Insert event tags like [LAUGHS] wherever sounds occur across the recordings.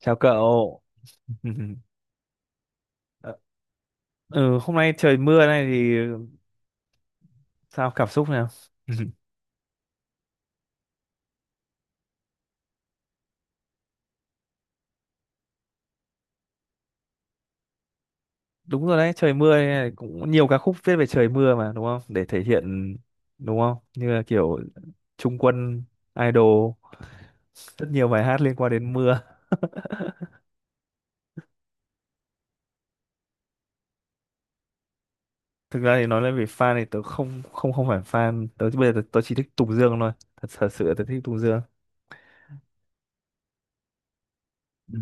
Chào cậu. [LAUGHS] Ừ, Hôm nay trời mưa này thì sao, cảm xúc nào? [LAUGHS] Đúng rồi đấy, trời mưa này cũng nhiều ca khúc viết về trời mưa mà đúng không? Để thể hiện đúng không? Như là kiểu Trung Quân, Idol, rất nhiều bài hát liên quan đến mưa. Thực ra thì nói lên về fan thì tớ không không không phải fan, tớ bây giờ tớ, tớ chỉ thích Tùng Dương thôi. Thật thật sự là tớ thích Tùng Dương. Ừ.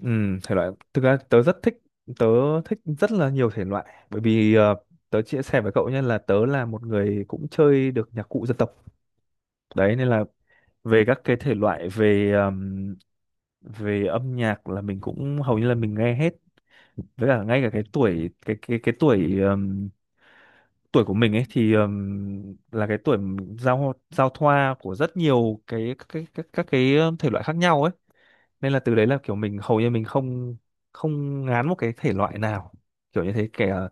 Ừ, thể loại thực ra tớ rất thích, tớ thích rất là nhiều thể loại, bởi vì tớ chia sẻ với cậu nhé, là tớ là một người cũng chơi được nhạc cụ dân tộc đấy, nên là về các cái thể loại về về âm nhạc là mình cũng hầu như là mình nghe hết. Với cả ngay cả cái tuổi cái tuổi tuổi của mình ấy thì là cái tuổi giao giao thoa của rất nhiều cái các cái thể loại khác nhau ấy, nên là từ đấy là kiểu mình hầu như mình không không ngán một cái thể loại nào kiểu như thế, kể là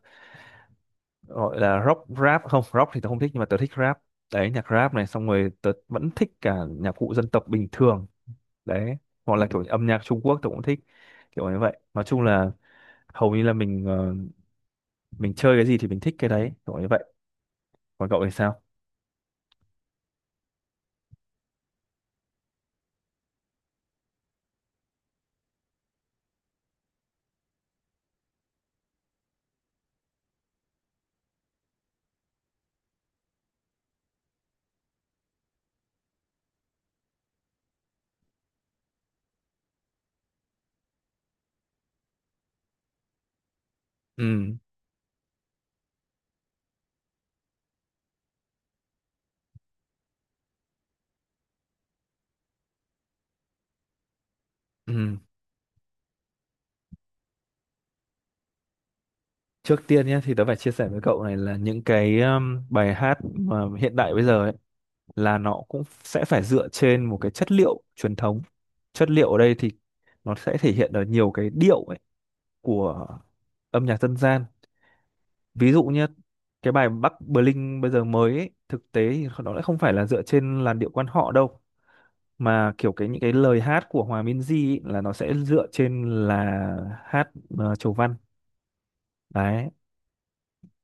gọi là rock, rap không rock thì tớ không thích, nhưng mà tớ thích rap, đấy nhạc rap này, xong rồi tớ vẫn thích cả nhạc cụ dân tộc bình thường đấy, hoặc là kiểu âm nhạc Trung Quốc tớ cũng thích kiểu như vậy. Nói chung là hầu như là mình mình chơi cái gì thì mình thích cái đấy kiểu như vậy. Còn cậu thì sao? Ừ. Ừ, trước tiên nhé thì tớ phải chia sẻ với cậu này là những cái bài hát mà hiện đại bây giờ ấy, là nó cũng sẽ phải dựa trên một cái chất liệu truyền thống. Chất liệu ở đây thì nó sẽ thể hiện ở nhiều cái điệu ấy của âm nhạc dân gian. Ví dụ như cái bài Bắc Bling bây giờ mới ấy, thực tế thì nó lại không phải là dựa trên làn điệu quan họ đâu, mà kiểu cái những cái lời hát của Hòa Minzy ấy, là nó sẽ dựa trên là hát chầu văn đấy.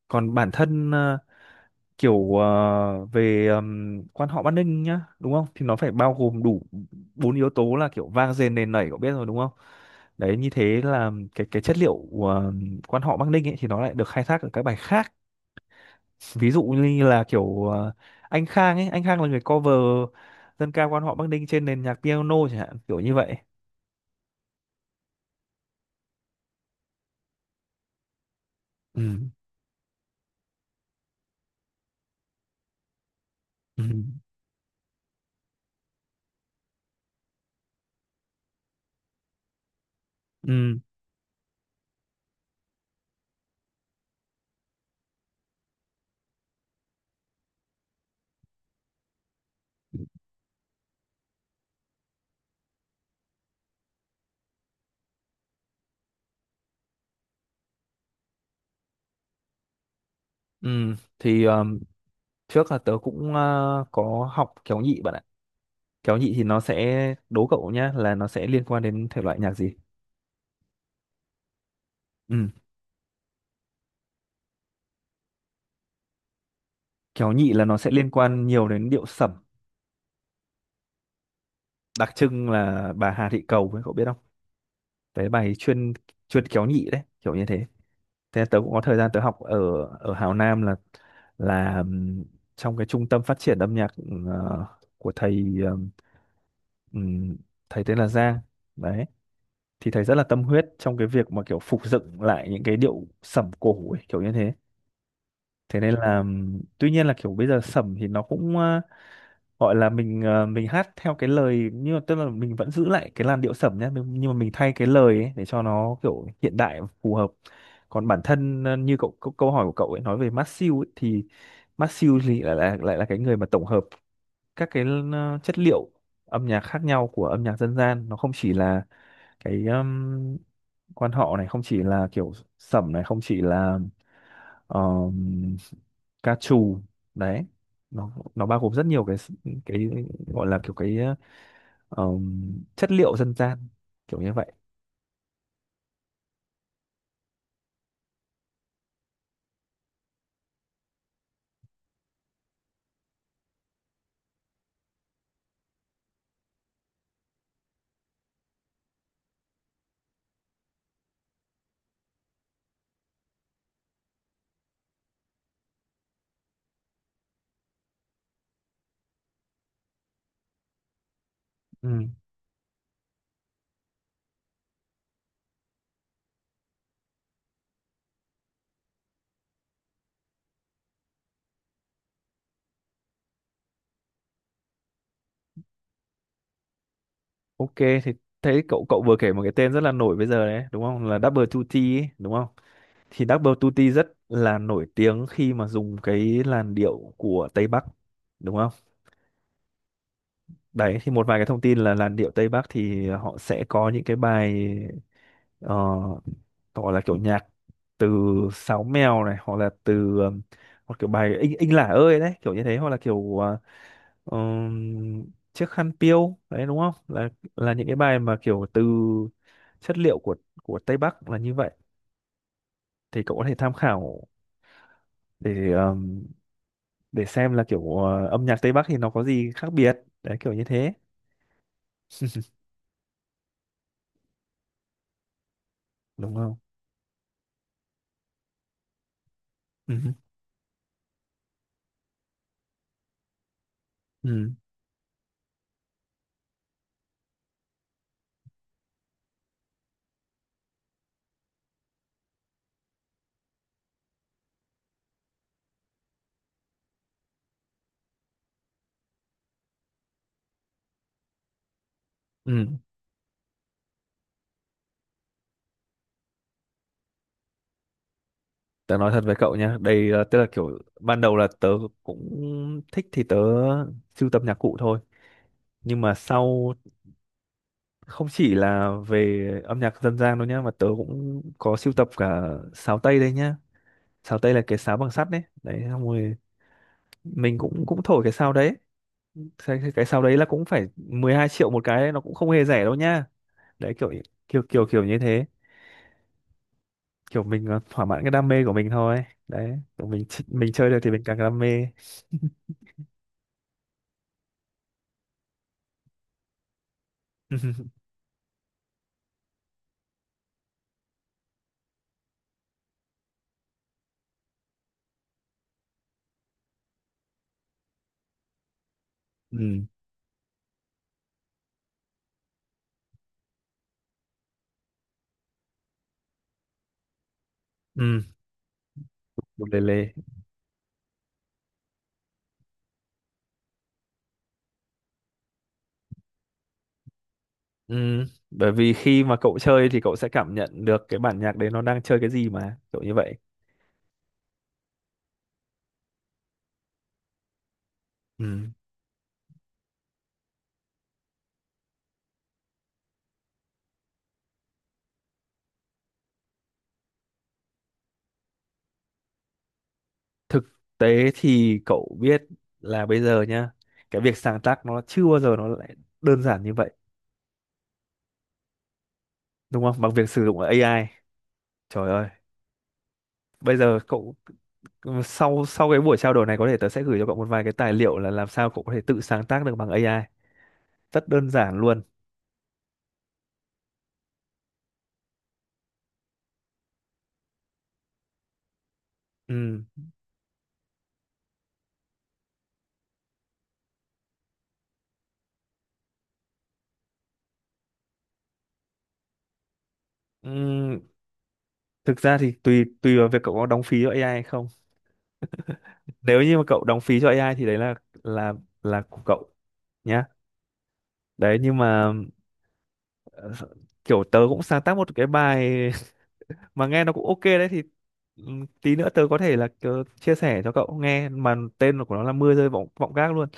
Còn bản thân kiểu về quan họ Bắc Ninh nhá, đúng không, thì nó phải bao gồm đủ bốn yếu tố, là kiểu vang dền nền nảy, cậu biết rồi đúng không, đấy, như thế là cái chất liệu ờ, quan họ Bắc Ninh ấy thì nó lại được khai thác ở các bài khác, ví dụ như là kiểu anh Khang ấy, anh Khang là người cover dân ca quan họ Bắc Ninh trên nền nhạc piano chẳng hạn, kiểu như vậy. Ừ. Ừ. Ừ. Ừ thì trước là tớ cũng có học kéo nhị bạn ạ. Kéo nhị thì nó sẽ, đố cậu nhá, là nó sẽ liên quan đến thể loại nhạc gì. Ừ. Kéo nhị là nó sẽ liên quan nhiều đến điệu sẩm, đặc trưng là bà Hà Thị Cầu ấy cậu biết không, đấy bà ấy chuyên, chuyên kéo nhị đấy kiểu như thế. Thế tớ cũng có thời gian tớ học ở ở Hào Nam, là trong cái trung tâm phát triển âm nhạc của thầy, ừm, thầy tên là Giang đấy. Thì thầy rất là tâm huyết trong cái việc mà kiểu phục dựng lại những cái điệu sẩm cổ ấy, kiểu như thế. Thế nên là tuy nhiên là kiểu bây giờ sẩm thì nó cũng gọi là mình mình hát theo cái lời, nhưng mà tức là mình vẫn giữ lại cái làn điệu sẩm nhé, nhưng mà mình thay cái lời ấy để cho nó kiểu hiện đại và phù hợp. Còn bản thân như cậu, câu câu hỏi của cậu ấy nói về Masew ấy, thì Masew thì lại là cái người mà tổng hợp các cái chất liệu âm nhạc khác nhau của âm nhạc dân gian. Nó không chỉ là cái quan họ này, không chỉ là kiểu sẩm này, không chỉ là um, ca trù đấy. Nó bao gồm rất nhiều cái gọi là kiểu cái um, chất liệu dân gian kiểu như vậy. Ừ. Ok thì thấy cậu, cậu vừa kể một cái tên rất là nổi bây giờ đấy đúng không, là Double 2T ấy, đúng không, thì Double Tutti rất là nổi tiếng khi mà dùng cái làn điệu của Tây Bắc đúng không? Đấy thì một vài cái thông tin là làn điệu Tây Bắc thì họ sẽ có những cái bài ờ, gọi là kiểu nhạc từ Sáo Mèo này, hoặc là từ hoặc kiểu bài Inh Inh Lả ơi đấy kiểu như thế, hoặc là kiểu ừm, chiếc khăn piêu đấy đúng không? Là những cái bài mà kiểu từ chất liệu của Tây Bắc là như vậy. Thì cậu có thể tham khảo để để xem là kiểu âm nhạc Tây Bắc thì nó có gì khác biệt đấy kiểu như thế. [LAUGHS] Đúng không. Ừ. Ừ. Ừ tớ nói thật với cậu nha đây, là tức là kiểu ban đầu là tớ cũng thích thì tớ sưu tập nhạc cụ thôi, nhưng mà sau không chỉ là về âm nhạc dân gian đâu nhá, mà tớ cũng có sưu tập cả sáo tây đây nhá. Sáo tây là cái sáo bằng sắt đấy, đấy xong rồi mình cũng cũng thổi cái sáo đấy. Cái sáo đấy là cũng phải 12 triệu một cái đấy, nó cũng không hề rẻ đâu nhá. Đấy kiểu kiểu như thế, kiểu mình thỏa mãn cái đam mê của mình thôi đấy, kiểu mình chơi được thì mình càng đam mê. [LAUGHS] Ừ. Ừ một lề lề. Ừ bởi vì khi mà cậu chơi thì cậu sẽ cảm nhận được cái bản nhạc đấy nó đang chơi cái gì mà kiểu như vậy. Ừ thực tế thì cậu biết là bây giờ nhá, cái việc sáng tác nó chưa bao giờ nó lại đơn giản như vậy, đúng không, bằng việc sử dụng AI. Trời ơi, bây giờ cậu, ừ, sau sau cái buổi trao đổi này có thể tớ sẽ gửi cho cậu một vài cái tài liệu, là làm sao cậu có thể tự sáng tác được bằng AI rất đơn giản luôn. Ừ. Ừ. Thực ra thì tùy tùy vào việc cậu có đóng phí cho AI hay không. Nếu như mà cậu đóng phí cho AI thì đấy là là là của cậu nhá. Đấy nhưng mà ờ, kiểu tớ cũng sáng tác một cái bài [LAUGHS] mà nghe nó cũng ok đấy, thì ừ, tí nữa tớ có thể là chia sẻ cho cậu nghe, mà tên của nó là mưa rơi vọng vọng gác luôn.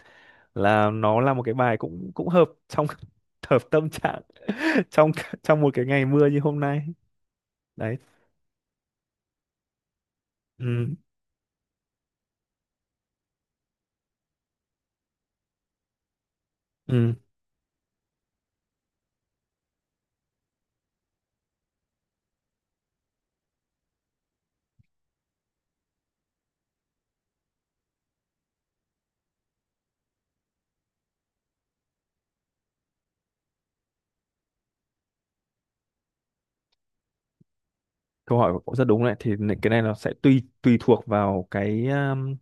Là nó là một cái bài cũng cũng hợp trong [LAUGHS] hợp tâm trạng [LAUGHS] trong trong một cái ngày mưa như hôm nay đấy. Ừ. Ừ. Câu hỏi của cậu rất đúng đấy, thì cái này nó sẽ tùy tùy thuộc vào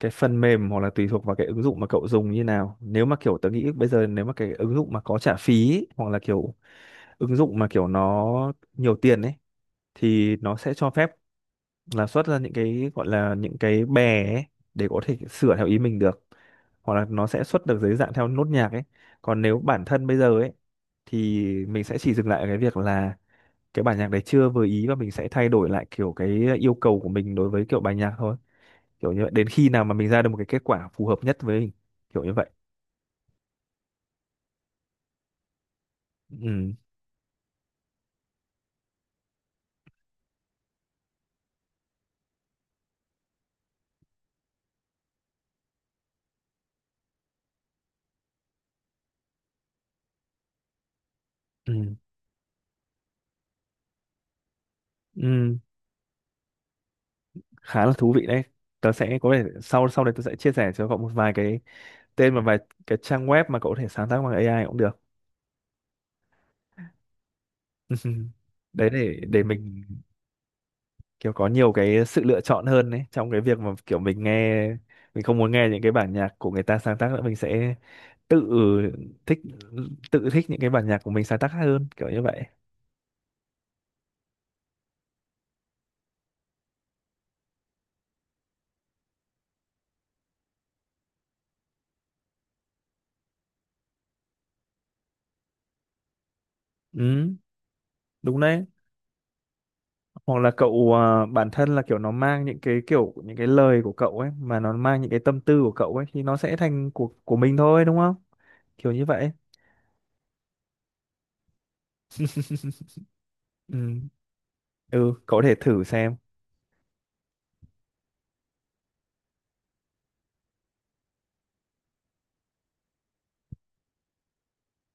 cái phần mềm, hoặc là tùy thuộc vào cái ứng dụng mà cậu dùng như nào. Nếu mà kiểu tớ nghĩ bây giờ nếu mà cái ứng dụng mà có trả phí ấy, hoặc là kiểu ứng dụng mà kiểu nó nhiều tiền ấy, thì nó sẽ cho phép là xuất ra những cái gọi là những cái bè ấy, để có thể sửa theo ý mình được, hoặc là nó sẽ xuất được dưới dạng theo nốt nhạc ấy. Còn nếu bản thân bây giờ ấy thì mình sẽ chỉ dừng lại ở cái việc là cái bản nhạc đấy chưa vừa ý, và mình sẽ thay đổi lại kiểu cái yêu cầu của mình đối với kiểu bài nhạc thôi, kiểu như vậy, đến khi nào mà mình ra được một cái kết quả phù hợp nhất với mình kiểu như vậy. Ừ. Ừ. Ừ. Khá là thú vị đấy. Tớ sẽ có thể sau sau đây tôi sẽ chia sẻ cho cậu một vài cái tên và vài cái trang web mà cậu có thể sáng tác bằng AI cũng được. [LAUGHS] Đấy để mình kiểu có nhiều cái sự lựa chọn hơn đấy, trong cái việc mà kiểu mình nghe, mình không muốn nghe những cái bản nhạc của người ta sáng tác nữa, mình sẽ tự thích, tự thích những cái bản nhạc của mình sáng tác hơn kiểu như vậy. Ừ đúng đấy, hoặc là cậu à, bản thân là kiểu nó mang những cái kiểu những cái lời của cậu ấy, mà nó mang những cái tâm tư của cậu ấy, thì nó sẽ thành của mình thôi đúng không, kiểu như vậy. Ừ. Ừ cậu có thể thử xem.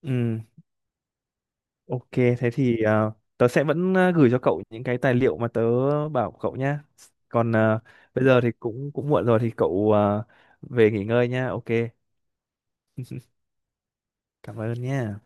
Ừ. Ok, thế thì tớ sẽ vẫn gửi cho cậu những cái tài liệu mà tớ bảo cậu nhá. Còn bây giờ thì cũng cũng muộn rồi thì cậu về nghỉ ngơi nhá. Ok, cảm ơn nhá.